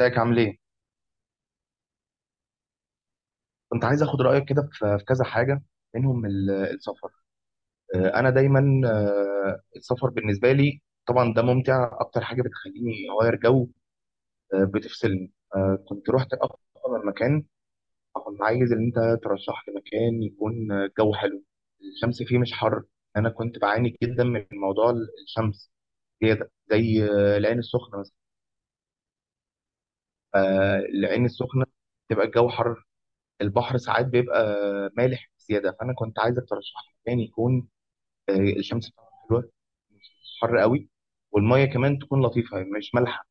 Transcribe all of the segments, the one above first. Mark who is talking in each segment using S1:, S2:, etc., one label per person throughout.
S1: ازيك عامل ايه؟ كنت عايز اخد رايك كده في كذا حاجه منهم السفر. انا دايما، السفر بالنسبه لي طبعا ده ممتع اكتر حاجه بتخليني اغير جو. بتفصلني. كنت رحت اكتر من مكان. كنت عايز ان انت ترشح لي مكان يكون جو حلو، الشمس فيه مش حر. انا كنت بعاني جدا من موضوع الشمس، زياده زي العين السخنه مثلا. العين السخنه تبقى الجو حر، البحر ساعات بيبقى مالح بزياده. فانا كنت عايزك ترشح لي مكان يكون آه، الشمس بتاعته حلوه، مش حر قوي، والميه كمان تكون لطيفه مش مالحه.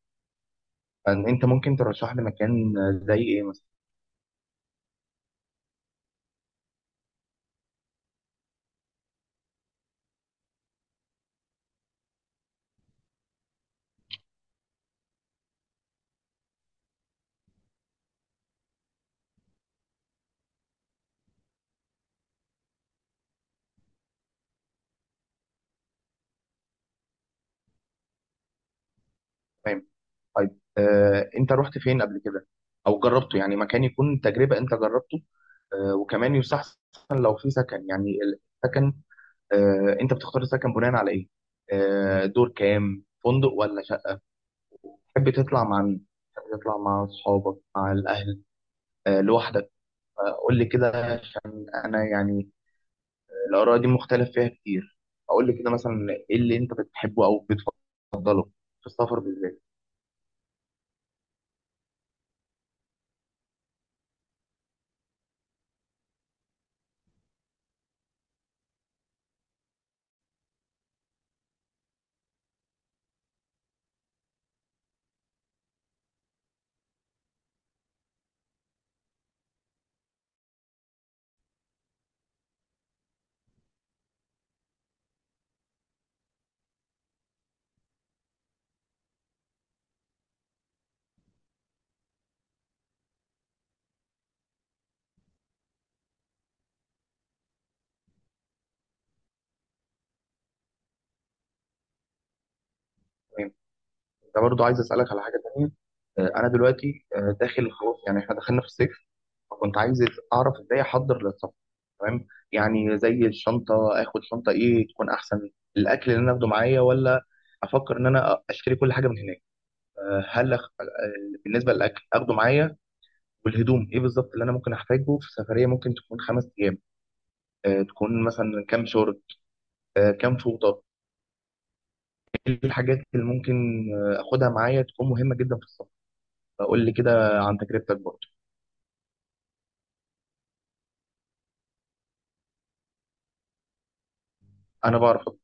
S1: فإن انت ممكن ترشح لي مكان زي ايه مثلا؟ تمام. طيب، انت رحت فين قبل كده؟ او جربته يعني مكان يكون تجربه انت جربته. وكمان يستحسن لو في سكن يعني، السكن. انت بتختار السكن بناء على ايه؟ دور كام، فندق ولا شقه؟ تحب تطلع مع مين؟ تحب تطلع مع اصحابك، مع الاهل، لوحدك؟ فقول لي كده، عشان انا يعني الاراء دي مختلف فيها كتير. اقول لي كده مثلا ايه اللي انت بتحبه او بتفضله في السفر بالذات. تمام. انت برضو عايز اسالك على حاجه تانية. انا دلوقتي، داخل خلاص، يعني احنا دخلنا في الصيف، فكنت عايز اعرف ازاي احضر للسفر. تمام، يعني زي الشنطه، اخد شنطه ايه تكون احسن؟ الاكل اللي انا اخده معايا ولا افكر ان انا اشتري كل حاجه من هناك؟ آه، هل أخ... آه، بالنسبه للاكل اخده معايا. والهدوم ايه بالظبط اللي انا ممكن احتاجه في سفريه ممكن تكون 5 ايام؟ تكون مثلا كام شورت؟ كام فوطه؟ ايه الحاجات اللي ممكن اخدها معايا تكون مهمه جدا في السفر؟ فقول لي كده عن تجربتك برضه. انا بعرف أطبخ.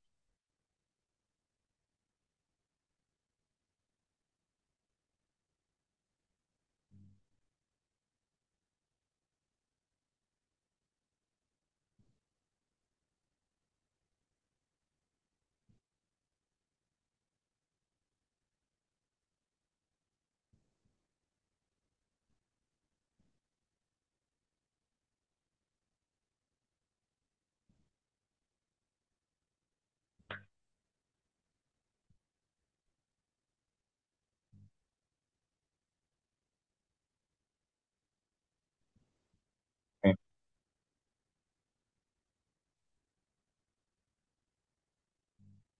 S1: تمام.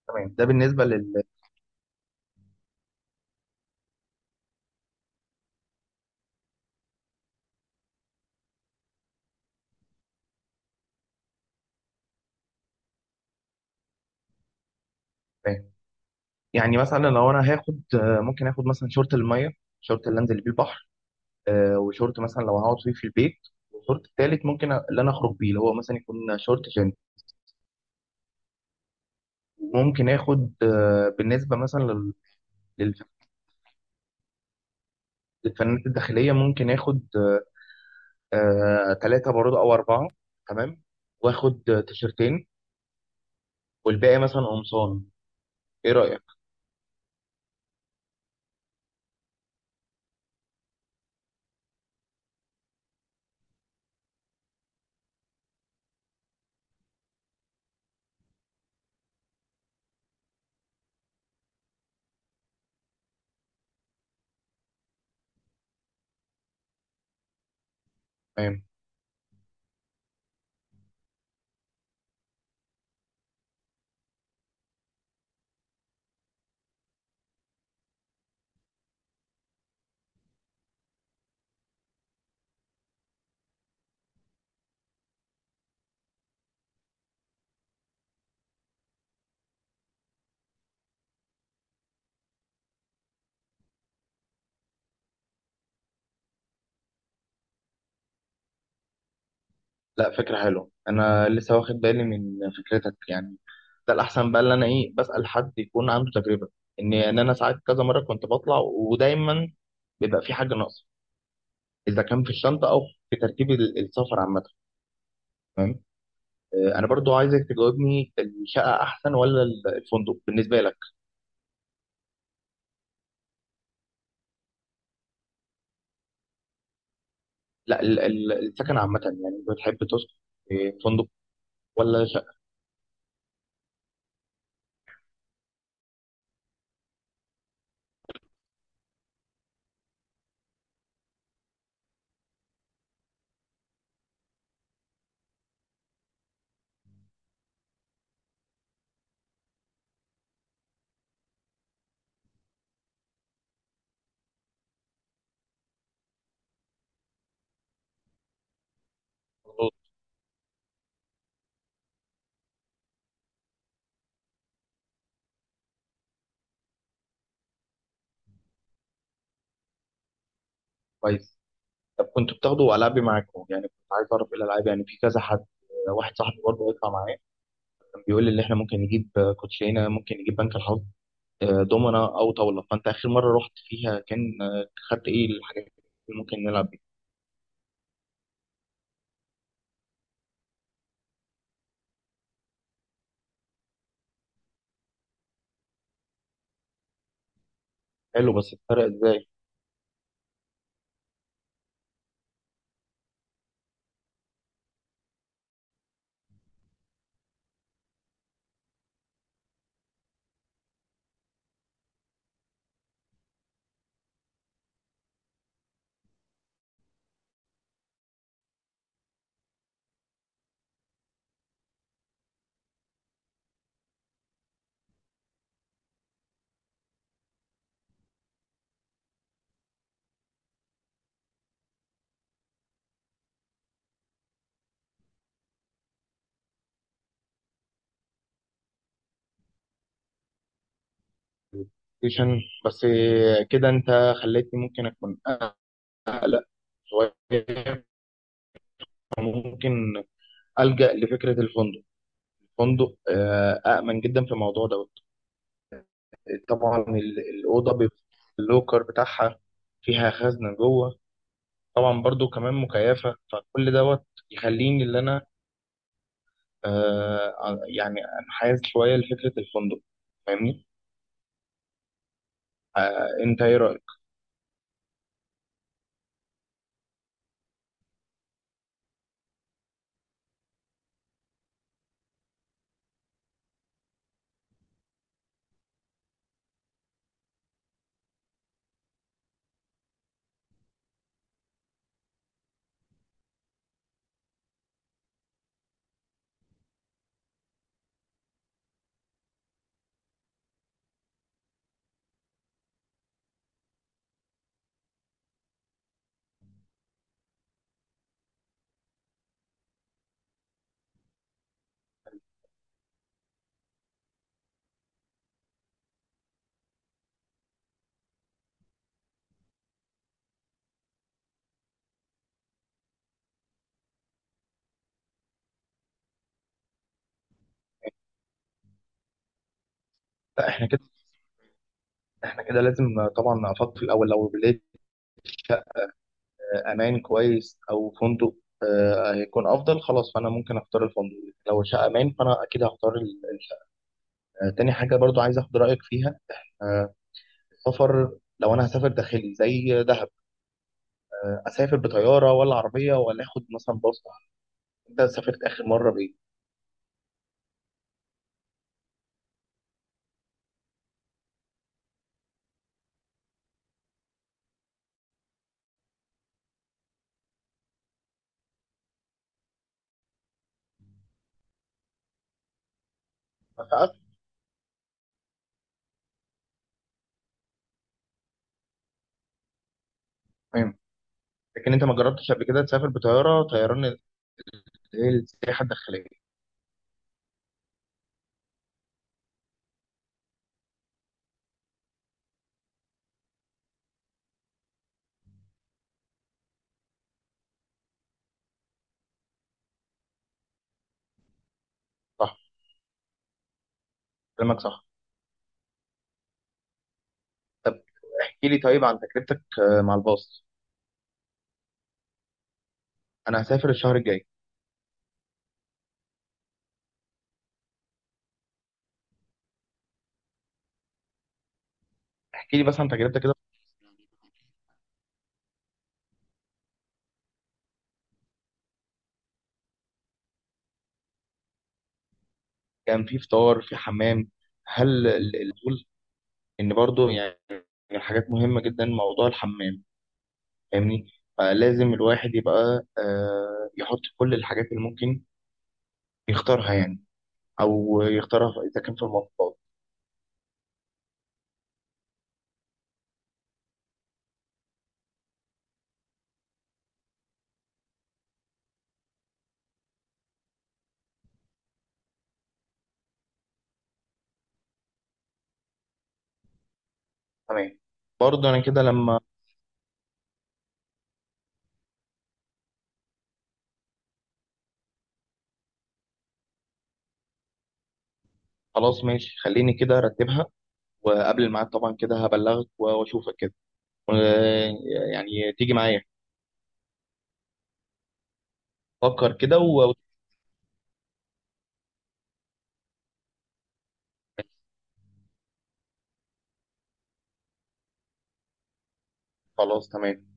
S1: تمام، ده بالنسبه لل. تمام. يعني مثلا لو انا هاخد، ممكن اخد مثلا شورت الميه، شورت اللي انزل بيه البحر، وشورت مثلا لو هقعد فيه في البيت، والشورت التالت ممكن، اللي انا اخرج بيه اللي هو مثلا يكون شورت جينز. ممكن اخد بالنسبه مثلا لل- الفنانات الداخلية، ممكن آخد ثلاثة برضه أو أربعة. تمام. وآخد تيشرتين، والباقي مثلا قمصان. إيه رأيك؟ تمام. لا، فكرة حلوة. أنا لسه واخد بالي من فكرتك يعني، ده الأحسن بقى، اللي أنا إيه بسأل حد يكون عنده تجربة. إن أنا ساعات كذا مرة كنت بطلع، ودايما بيبقى في حاجة ناقصة، إذا كان في الشنطة أو في ترتيب السفر عامة. تمام. أنا برضو عايزك تجاوبني، الشقة أحسن ولا الفندق بالنسبة لك؟ لا، السكن عامة، يعني انت بتحب تسكن في فندق ولا شقة؟ كويس. طب كنت بتاخدوا ألعابي معاكم؟ يعني كنت عايز أعرف إيه الألعاب، يعني في كذا حد. واحد صاحبي برضه هيطلع معايا، كان بيقول لي إن إحنا ممكن نجيب كوتشينة، ممكن نجيب بنك الحظ، دومنا أو طاولة. فأنت آخر مرة رحت فيها كان خدت إيه الحاجات اللي ممكن نلعب بيها؟ حلو. بس الفرق إزاي؟ ستيشن. بس كده أنت خليتني ممكن أكون أقلق شوية، ممكن ألجأ لفكرة الفندق. فندق أأمن جدا في الموضوع دوت. طبعا الأوضة بيبقى اللوكر بتاعها فيها خزنة جوه، طبعا برضو كمان مكيفة، فكل دوت يخليني اللي أنا يعني أنحاز شوية لفكرة الفندق. فاهمني؟ أنت إيه رأيك؟ لا، احنا كده لازم طبعا نفكر في الأول. لو لقيت شقة أمان كويس أو فندق، هيكون أفضل خلاص. فأنا ممكن أختار الفندق، لو شقة أمان فأنا أكيد هختار الفندق. تاني حاجة برضو عايز اخد رأيك فيها، آه، السفر لو انا هسافر داخلي زي دهب، اسافر بطيارة ولا عربية ولا اخد مثلا باص؟ انت سافرت اخر مرة بايه؟ ما تعرفش. تمام، لكن انت ما جربتش قبل كده تسافر بطيارة طيران اللي هي السياحة الداخلية؟ صح، كلامك صح. طب احكي لي طيب عن تجربتك مع الباص. انا هسافر الشهر الجاي. احكي لي بس عن تجربتك كده، كان في فطار، في حمام؟ هل الفضول ان برضو يعني، من الحاجات مهمة جدا موضوع الحمام، فاهمني؟ فلازم الواحد يبقى يحط كل الحاجات اللي ممكن يختارها يعني، او يختارها اذا كان في المواصلات. تمام. برضه انا كده لما، خلاص ماشي. خليني كده ارتبها، وقبل الميعاد طبعا كده هبلغك واشوفك كده و- يعني تيجي معايا. فكر كده وخلاص. تمام.